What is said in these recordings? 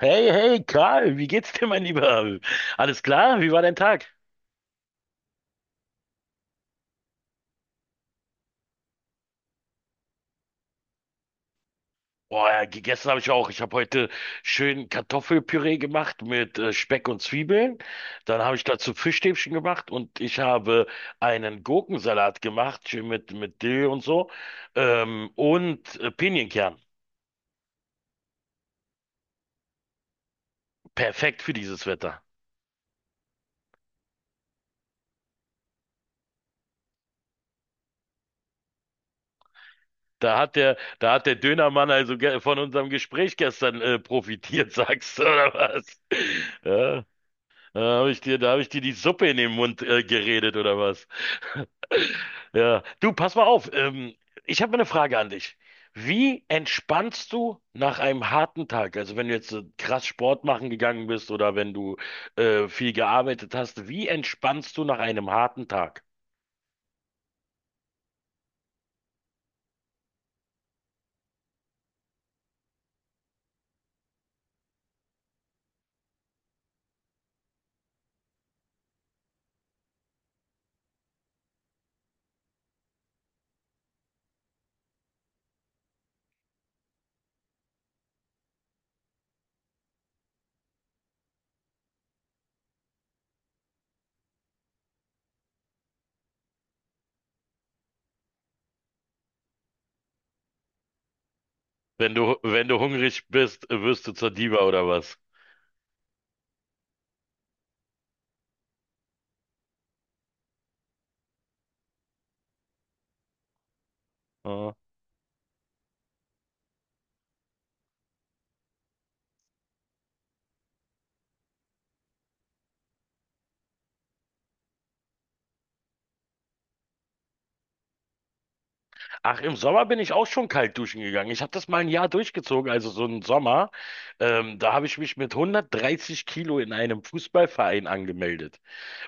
Hey, hey, Karl, wie geht's dir, mein Lieber? Alles klar? Wie war dein Tag? Boah, ja, gegessen habe ich auch. Ich habe heute schön Kartoffelpüree gemacht mit Speck und Zwiebeln. Dann habe ich dazu Fischstäbchen gemacht und ich habe einen Gurkensalat gemacht, schön mit Dill und so. Und Pinienkern. Perfekt für dieses Wetter. Da hat der Dönermann also von unserem Gespräch gestern profitiert, sagst du, oder was? Ja. Da habe ich dir die Suppe in den Mund geredet oder was? Ja, du, pass mal auf. Ich habe mal eine Frage an dich. Wie entspannst du nach einem harten Tag? Also wenn du jetzt krass Sport machen gegangen bist oder wenn du viel gearbeitet hast, wie entspannst du nach einem harten Tag? Wenn du hungrig bist, wirst du zur Diva oder was? Ah. Ach, im Sommer bin ich auch schon kalt duschen gegangen. Ich habe das mal ein Jahr durchgezogen, also so einen Sommer. Da habe ich mich mit 130 Kilo in einem Fußballverein angemeldet.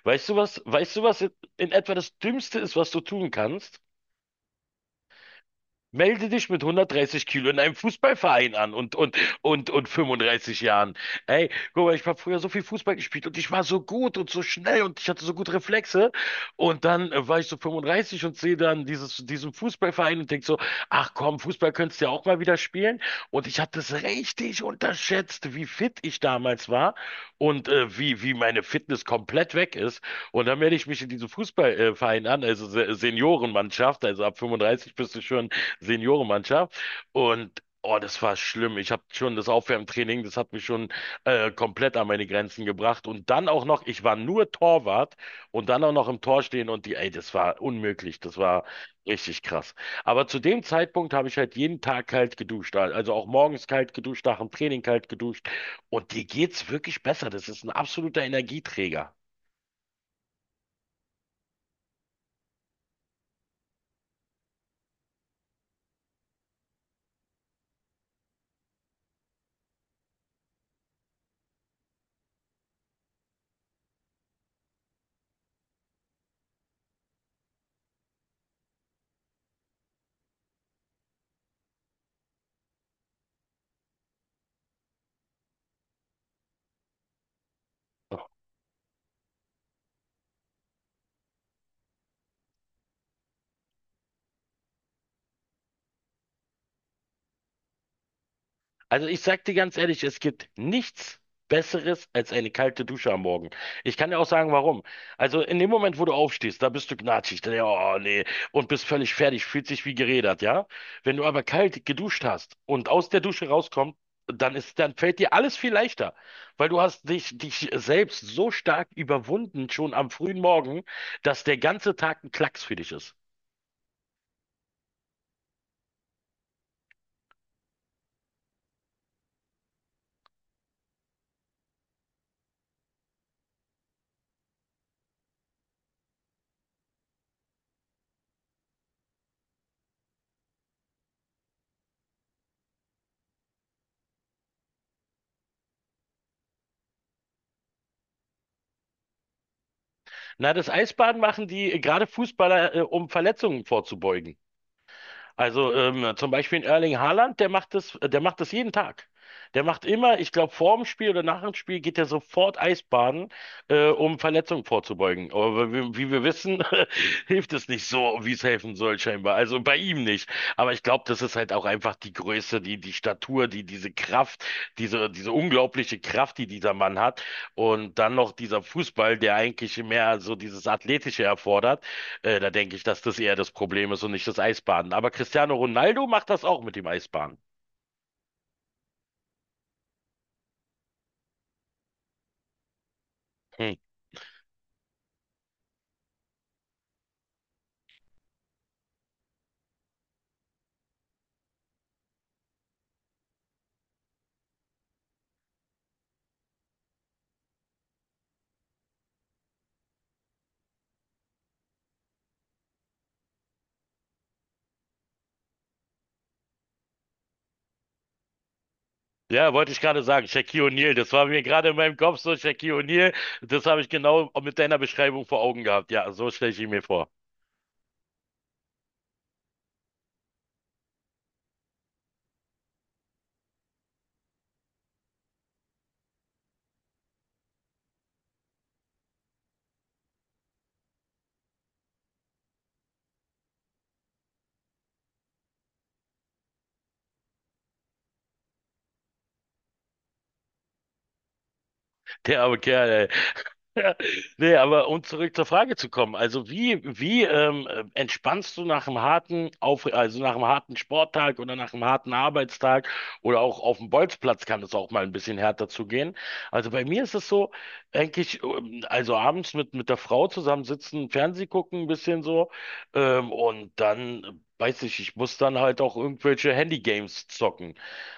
Weißt du was in etwa das Dümmste ist, was du tun kannst? Melde dich mit 130 Kilo in einem Fußballverein an und 35 Jahren. Ey, guck mal, ich habe früher so viel Fußball gespielt und ich war so gut und so schnell und ich hatte so gute Reflexe. Und dann war ich so 35 und sehe dann diesen Fußballverein und denk so, ach komm, Fußball könntest du ja auch mal wieder spielen. Und ich hatte es richtig unterschätzt, wie fit ich damals war und wie meine Fitness komplett weg ist. Und dann melde ich mich in diesen Fußballverein an, also Seniorenmannschaft, also ab 35 bist du schon Seniorenmannschaft. Und oh, das war schlimm. Ich habe schon das Aufwärmtraining, das hat mich schon komplett an meine Grenzen gebracht. Und dann auch noch, ich war nur Torwart und dann auch noch im Tor stehen und die, ey, das war unmöglich. Das war richtig krass. Aber zu dem Zeitpunkt habe ich halt jeden Tag kalt geduscht. Also auch morgens kalt geduscht, nach dem Training kalt geduscht. Und dir geht's wirklich besser. Das ist ein absoluter Energieträger. Also ich sag dir ganz ehrlich, es gibt nichts Besseres als eine kalte Dusche am Morgen. Ich kann dir auch sagen, warum. Also in dem Moment, wo du aufstehst, da bist du gnatschig, da, oh nee, und bist völlig fertig, fühlt sich wie gerädert, ja? Wenn du aber kalt geduscht hast und aus der Dusche rauskommst, dann fällt dir alles viel leichter, weil du hast dich selbst so stark überwunden schon am frühen Morgen, dass der ganze Tag ein Klacks für dich ist. Na, das Eisbaden machen die gerade Fußballer, um Verletzungen vorzubeugen. Also zum Beispiel in Erling Haaland, der macht das jeden Tag. Der macht immer, ich glaube, vor dem Spiel oder nach dem Spiel geht er sofort Eisbaden, um Verletzungen vorzubeugen. Aber wie wir wissen, hilft es nicht so, wie es helfen soll, scheinbar. Also bei ihm nicht. Aber ich glaube, das ist halt auch einfach die Größe, die Statur, die, diese Kraft, diese unglaubliche Kraft, die dieser Mann hat. Und dann noch dieser Fußball, der eigentlich mehr so dieses Athletische erfordert. Da denke ich, dass das eher das Problem ist und nicht das Eisbaden. Aber Cristiano Ronaldo macht das auch mit dem Eisbaden. Hm. Ja, wollte ich gerade sagen, Shaquille O'Neal, das war mir gerade in meinem Kopf so, Shaquille O'Neal, das habe ich genau mit deiner Beschreibung vor Augen gehabt. Ja, so stelle ich ihn mir vor. Der arme Kerl, ey. Ja, nee, aber um zurück zur Frage zu kommen, also wie entspannst du nach einem harten Auf also nach einem harten Sporttag oder nach einem harten Arbeitstag oder auch auf dem Bolzplatz kann es auch mal ein bisschen härter zugehen. Also bei mir ist es so, eigentlich, also abends mit der Frau zusammensitzen, Fernseh gucken, ein bisschen so, und dann Weiß ich, ich muss dann halt auch irgendwelche Handygames zocken.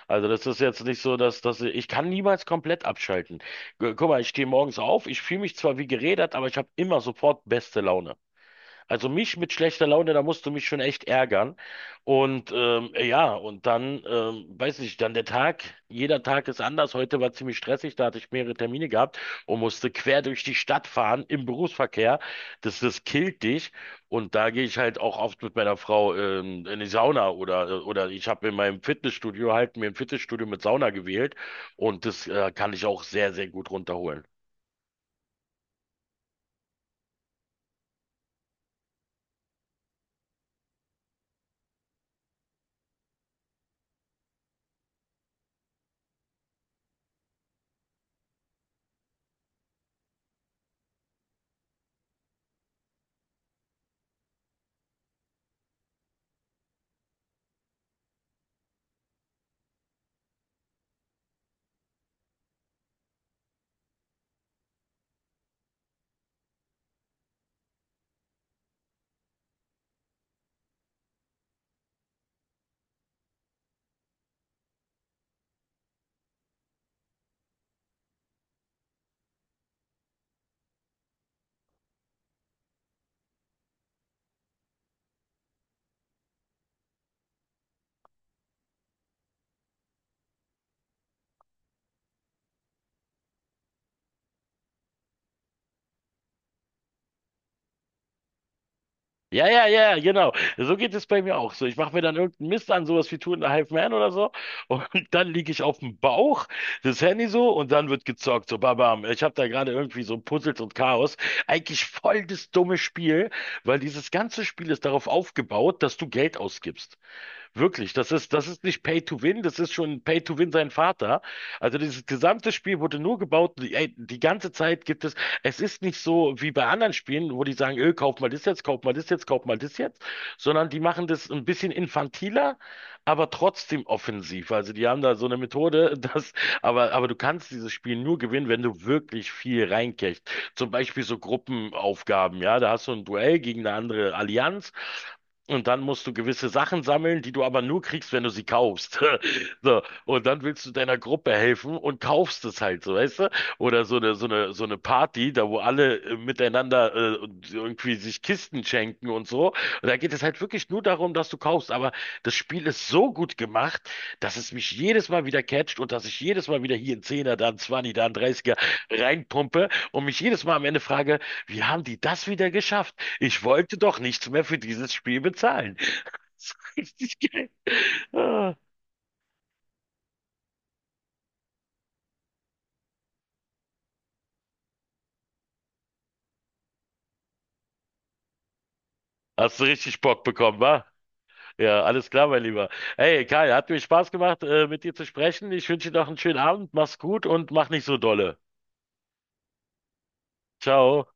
Also das ist jetzt nicht so, dass ich kann niemals komplett abschalten. Guck mal, ich stehe morgens auf, ich fühle mich zwar wie gerädert, aber ich habe immer sofort beste Laune. Also mich mit schlechter Laune, da musst du mich schon echt ärgern. Und weiß nicht, dann der Tag, jeder Tag ist anders. Heute war ziemlich stressig, da hatte ich mehrere Termine gehabt und musste quer durch die Stadt fahren im Berufsverkehr. Das killt dich. Und da gehe ich halt auch oft mit meiner Frau in die Sauna oder ich habe in meinem Fitnessstudio halt mir ein Fitnessstudio mit Sauna gewählt und das kann ich auch sehr, sehr gut runterholen. Ja, ja, ja, genau. So geht es bei mir auch so. Ich mache mir dann irgendeinen Mist an, sowas wie Two and a Half Man oder so. Und dann liege ich auf dem Bauch, das Handy so, und dann wird gezockt. So, babam. Ich habe da gerade irgendwie so Puzzles und Chaos. Eigentlich voll das dumme Spiel, weil dieses ganze Spiel ist darauf aufgebaut, dass du Geld ausgibst. Wirklich, das ist nicht Pay to Win, das ist schon Pay to Win sein Vater. Also dieses gesamte Spiel wurde nur gebaut, ey, die ganze Zeit gibt es, es ist nicht so wie bei anderen Spielen, wo die sagen, kauf mal das jetzt, sondern die machen das ein bisschen infantiler, aber trotzdem offensiv. Also die haben da so eine Methode, dass, aber du kannst dieses Spiel nur gewinnen, wenn du wirklich viel reinkriegst. Zum Beispiel so Gruppenaufgaben, ja, da hast du ein Duell gegen eine andere Allianz. Und dann musst du gewisse Sachen sammeln, die du aber nur kriegst, wenn du sie kaufst. So, und dann willst du deiner Gruppe helfen und kaufst es halt, so weißt du? Oder so eine Party, da wo alle miteinander und irgendwie sich Kisten schenken und so. Und da geht es halt wirklich nur darum, dass du kaufst. Aber das Spiel ist so gut gemacht, dass es mich jedes Mal wieder catcht und dass ich jedes Mal wieder hier einen Zehner, da einen Zwanni, da einen Dreißiger reinpumpe und mich jedes Mal am Ende frage, wie haben die das wieder geschafft? Ich wollte doch nichts mehr für dieses Spiel bezahlen. Das ist richtig geil. Ah, hast du richtig Bock bekommen, wa? Ja, alles klar, mein Lieber. Hey, Kai, hat mir Spaß gemacht, mit dir zu sprechen. Ich wünsche dir noch einen schönen Abend. Mach's gut und mach nicht so dolle. Ciao.